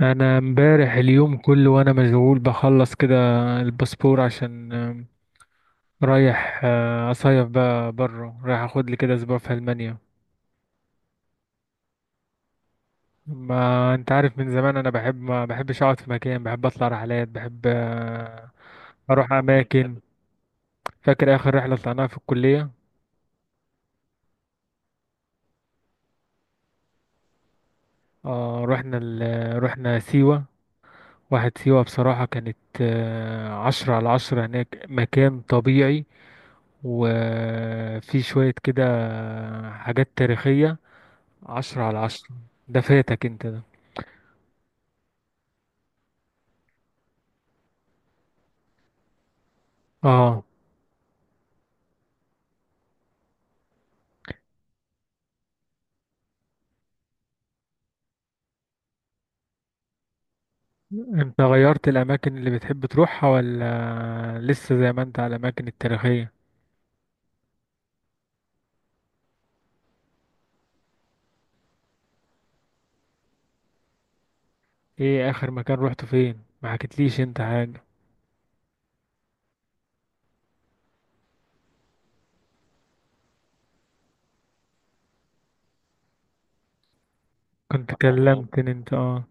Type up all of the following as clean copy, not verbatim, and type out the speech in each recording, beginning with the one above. انا امبارح اليوم كله وانا مشغول بخلص كده الباسبور عشان رايح اصيف بقى بره، رايح اخد لي كده اسبوع في المانيا. ما انت عارف من زمان انا بحب، ما بحبش اقعد في مكان، بحب اطلع رحلات، بحب اروح اماكن. فاكر اخر رحله طلعناها في الكليه؟ رحنا سيوه. واحد سيوه بصراحه كانت عشرة على عشرة، هناك مكان طبيعي وفي شويه كده حاجات تاريخيه. عشرة على عشرة. ده فاتك انت ده. اه. انت غيرت الاماكن اللي بتحب تروحها ولا لسه زي ما انت على الاماكن التاريخية؟ ايه اخر مكان روحته؟ فين؟ ما حكيتليش انت حاجة. كنت أخر كلمتني انت، اه.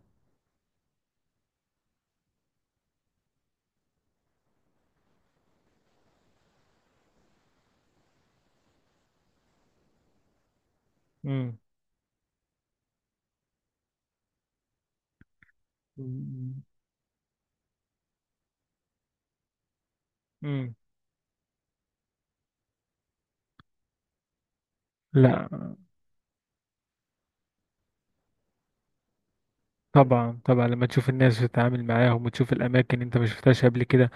امم. امم. لا. طبعا طبعا، لما تشوف الناس وتتعامل معاهم وتشوف الاماكن انت ما شفتهاش قبل كده.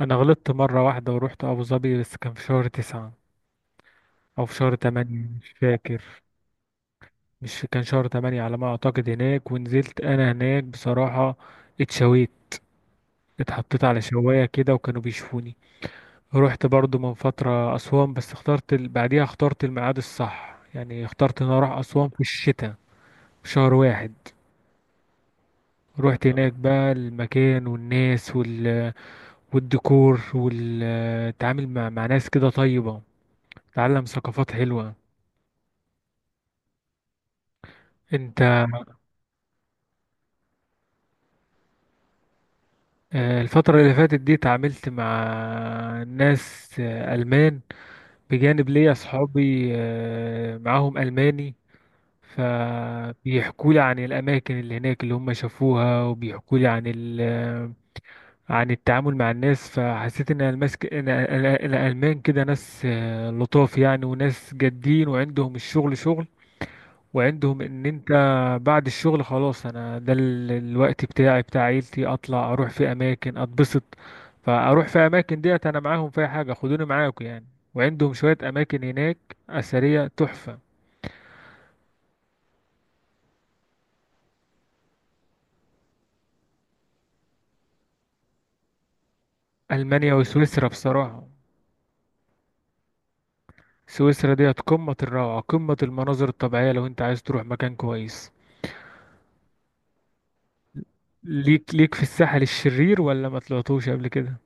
انا غلطت مرة واحدة ورحت ابو ظبي، بس كان في شهر تسعة او في شهر تمانية مش فاكر. مش كان شهر تمانية على ما أعتقد هناك، ونزلت أنا هناك بصراحة اتشويت، اتحطيت على شواية كده وكانوا بيشوفوني. رحت برضو من فترة أسوان، بس اخترت بعديها اخترت الميعاد الصح، يعني اخترت إن أنا أروح أسوان في الشتاء، في شهر واحد. رحت هناك بقى المكان والناس والديكور والتعامل مع ناس كده طيبة، تعلم ثقافات حلوة. انت، الفترة اللي فاتت دي تعاملت مع ناس ألمان، بجانب ليا أصحابي معاهم ألماني، فبيحكوا لي عن الأماكن اللي هناك اللي هم شافوها، وبيحكوا لي عن ال آه، عن التعامل مع الناس. فحسيت إن المسك... إن ال- ال- الألمان كده ناس لطاف يعني، وناس جادين وعندهم الشغل شغل، وعندهم ان انت بعد الشغل خلاص، انا ده الوقت بتاعي بتاع عيلتي، اطلع اروح في اماكن اتبسط، فاروح في اماكن ديت انا معاهم في أي حاجه، خدوني معاكم يعني. وعندهم شويه اماكن هناك اثريه تحفه. المانيا وسويسرا بصراحه، سويسرا ديت قمه الروعه، قمه المناظر الطبيعيه، لو انت عايز تروح مكان كويس. ليك في الساحل الشرير؟ ولا ما طلعتوش قبل كده؟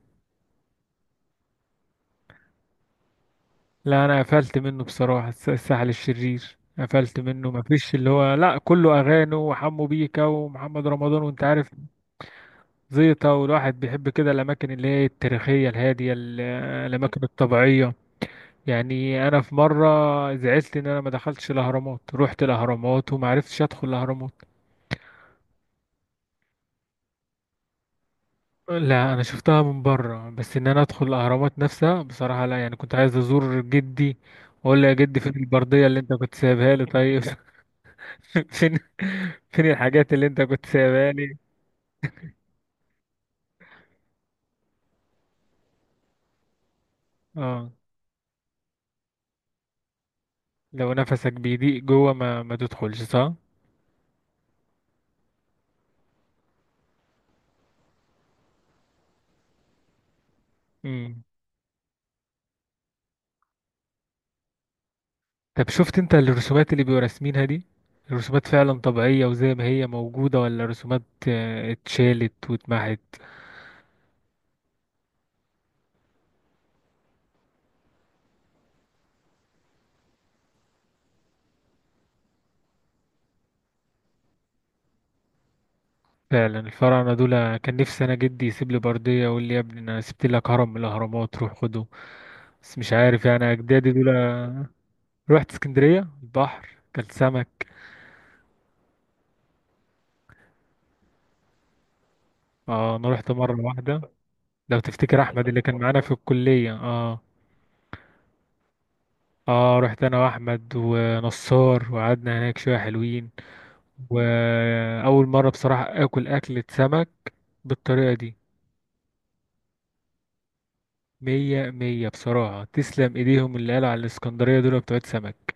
لا انا قفلت منه بصراحه، الساحل الشرير قفلت منه، مفيش اللي هو لا، كله اغاني وحمو بيكا ومحمد رمضان وانت عارف، زيطه. والواحد بيحب كده الاماكن اللي هي التاريخيه الهاديه، الاماكن الطبيعيه. يعني انا في مره زعلت ان انا ما دخلتش الاهرامات، رحت الاهرامات وما عرفتش ادخل الاهرامات. لا انا شفتها من بره، بس ان انا ادخل الاهرامات نفسها بصراحه لا، يعني كنت عايز ازور جدي واقول له يا جدي فين البرديه اللي انت كنت سايبها لي، طيب. فين؟ فين الحاجات اللي انت كنت سايبها لي؟ اه. لو نفسك بيضيق جوه ما تدخلش، صح. امم. طب شفت انت الرسومات اللي بيبقوا راسمينها دي؟ الرسومات فعلا طبيعية وزي ما هي موجودة، ولا رسومات اتشالت واتمحت؟ فعلا الفراعنة دول كان نفسي انا جدي يسيب لي بردية ويقول لي يا ابني انا سبت لك هرم من الاهرامات روح خده. بس مش عارف يعني اجدادي دول. رحت اسكندرية، البحر كان سمك. اه، انا رحت مرة واحدة. لو تفتكر احمد اللي كان معانا في الكلية؟ اه. اه، رحت انا واحمد ونصار وقعدنا هناك شويه حلوين. واول مره بصراحه اكل اكله سمك بالطريقه دي. مية مية بصراحه، تسلم ايديهم اللي قالوا على الاسكندريه دول بتوع سمك.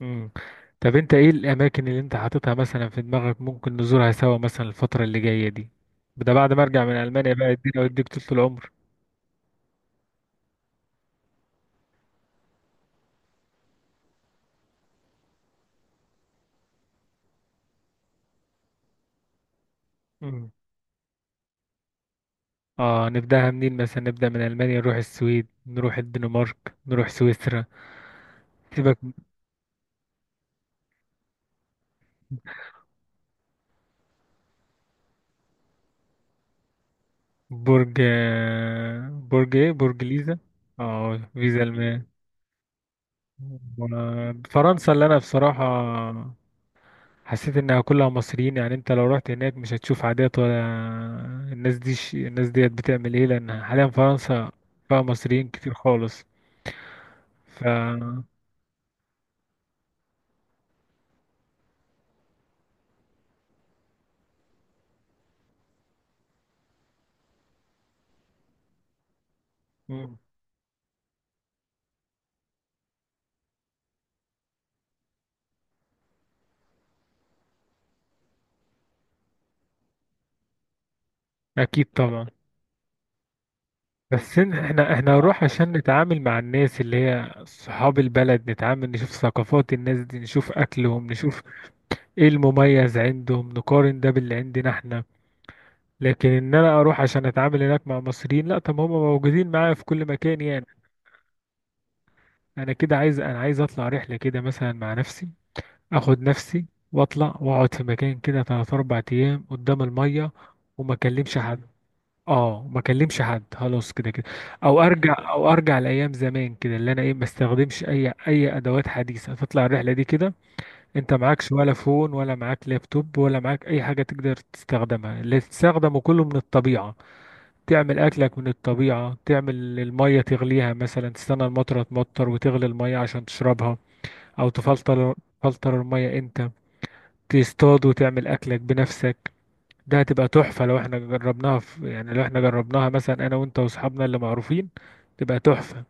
مم. طب انت ايه الاماكن اللي انت حاططها مثلا في دماغك ممكن نزورها سوا مثلا الفتره اللي جايه دي، ده بعد ما ارجع من المانيا بقى، ادينا واديك طول العمر. مم. اه، نبداها منين؟ مثلا نبدا من المانيا، نروح السويد، نروح الدنمارك، نروح سويسرا. سيبك. برج، برج ايه؟ برج ليزا. اه، فيزا المان. فرنسا، اللي انا بصراحة حسيت انها كلها مصريين، يعني انت لو رحت هناك مش هتشوف عادات ولا. الناس ديت بتعمل ايه، لان حاليا فرنسا فيها مصريين كتير خالص. ف مم. اكيد طبعا. بس احنا نروح عشان نتعامل مع الناس اللي هي صحاب البلد، نتعامل، نشوف ثقافات الناس دي، نشوف اكلهم، نشوف ايه المميز عندهم، نقارن ده باللي عندنا احنا. لكن ان انا اروح عشان اتعامل هناك مع مصريين، لا، طب هم موجودين معايا في كل مكان يعني. انا عايز اطلع رحلة كده مثلا مع نفسي، اخد نفسي واطلع واقعد في مكان كده 3 4 ايام قدام المية، وما اكلمش حد. اه، ما اكلمش حد خلاص كده كده. او ارجع لايام زمان كده، اللي انا ايه ما استخدمش اي ادوات حديثة، تطلع الرحلة دي كده انت معكش ولا فون ولا معاك لابتوب ولا معاك اي حاجة تقدر تستخدمها، اللي تستخدمه كله من الطبيعة، تعمل اكلك من الطبيعة، تعمل المية تغليها مثلا، تستنى المطرة تمطر وتغلي المية عشان تشربها، او تفلتر المية انت، تصطاد وتعمل اكلك بنفسك. ده هتبقى تحفة لو احنا جربناها، في يعني لو احنا جربناها مثلا انا وانت واصحابنا اللي معروفين، تبقى تحفة.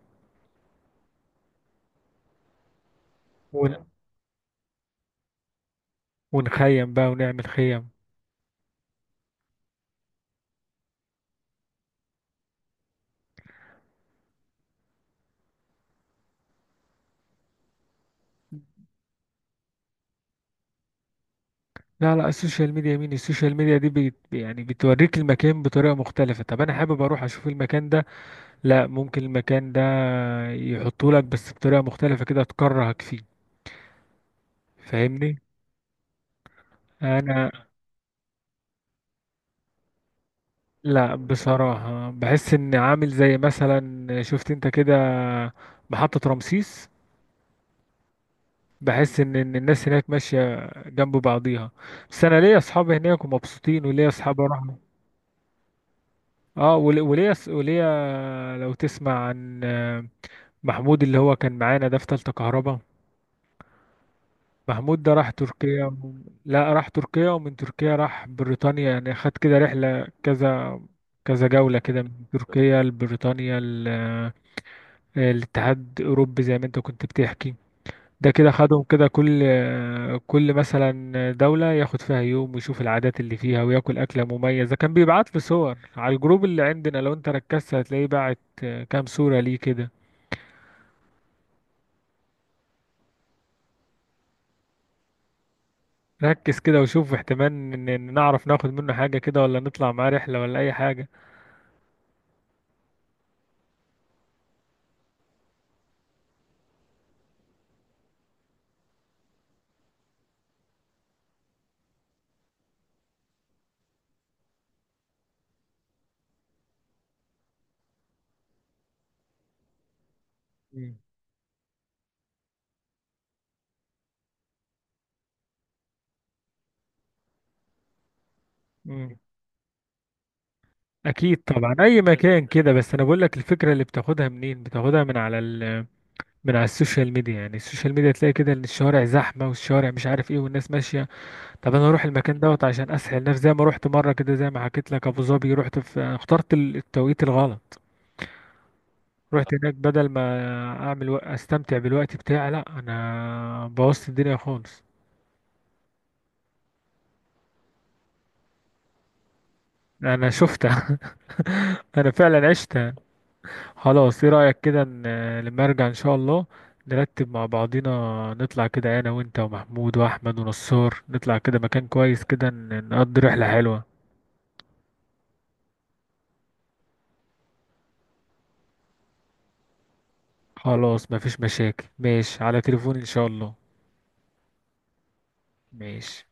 ون... ونخيم بقى ونعمل خيم. لا لا، السوشيال ميديا مين؟ السوشيال ميديا دي يعني بتوريك المكان بطريقة مختلفة، طب انا حابب اروح اشوف المكان ده، لا، ممكن المكان ده يحطه لك بس بطريقة مختلفة كده تكرهك فيه. فاهمني؟ انا لا، بصراحة بحس ان عامل زي مثلا شفت انت كده محطة رمسيس. بحس إن الناس هناك ماشية جنب بعضيها. بس انا ليا اصحاب هناك ومبسوطين، وليا اصحاب اروح. اه وليا لو تسمع عن محمود اللي هو كان معانا ده في تالتة كهرباء. محمود ده راح تركيا لا، راح تركيا ومن تركيا راح بريطانيا، يعني خد كده رحلة كذا كذا جولة كده، من تركيا لبريطانيا الاتحاد الأوروبي زي ما انت كنت بتحكي. ده كده خدهم كده كل مثلا دولة ياخد فيها يوم، ويشوف العادات اللي فيها وياكل أكلة مميزة. كان بيبعت لي صور على الجروب اللي عندنا، لو انت ركزت هتلاقيه بعت كام صورة ليه كده. ركز كده، وشوف احتمال إن نعرف ناخد منه حاجة كده، ولا نطلع معاه رحلة، ولا أي حاجة. مم. مم. أكيد طبعا أي مكان كده، بس أنا بقول لك الفكرة اللي بتاخدها منين؟ بتاخدها من على من على السوشيال ميديا، يعني السوشيال ميديا تلاقي كده إن الشوارع زحمة، والشوارع مش عارف إيه والناس ماشية. طب انا اروح المكان دوت عشان اسهل نفسي؟ زي ما رحت مره كده زي ما حكيت لك، ابو ظبي رحت في، أنا اخترت التوقيت الغلط، رحت هناك بدل ما اعمل استمتع بالوقت بتاعي، لا انا بوظت الدنيا خالص. انا شفتها. انا فعلا عشتها. خلاص ايه رايك كده لما ارجع ان شاء الله نرتب مع بعضينا، نطلع كده انا وانت ومحمود واحمد ونصار، نطلع كده مكان كويس كده نقضي رحله حلوه. خلاص مفيش مشاكل، ماشي على تليفوني ان شاء الله. ماشي.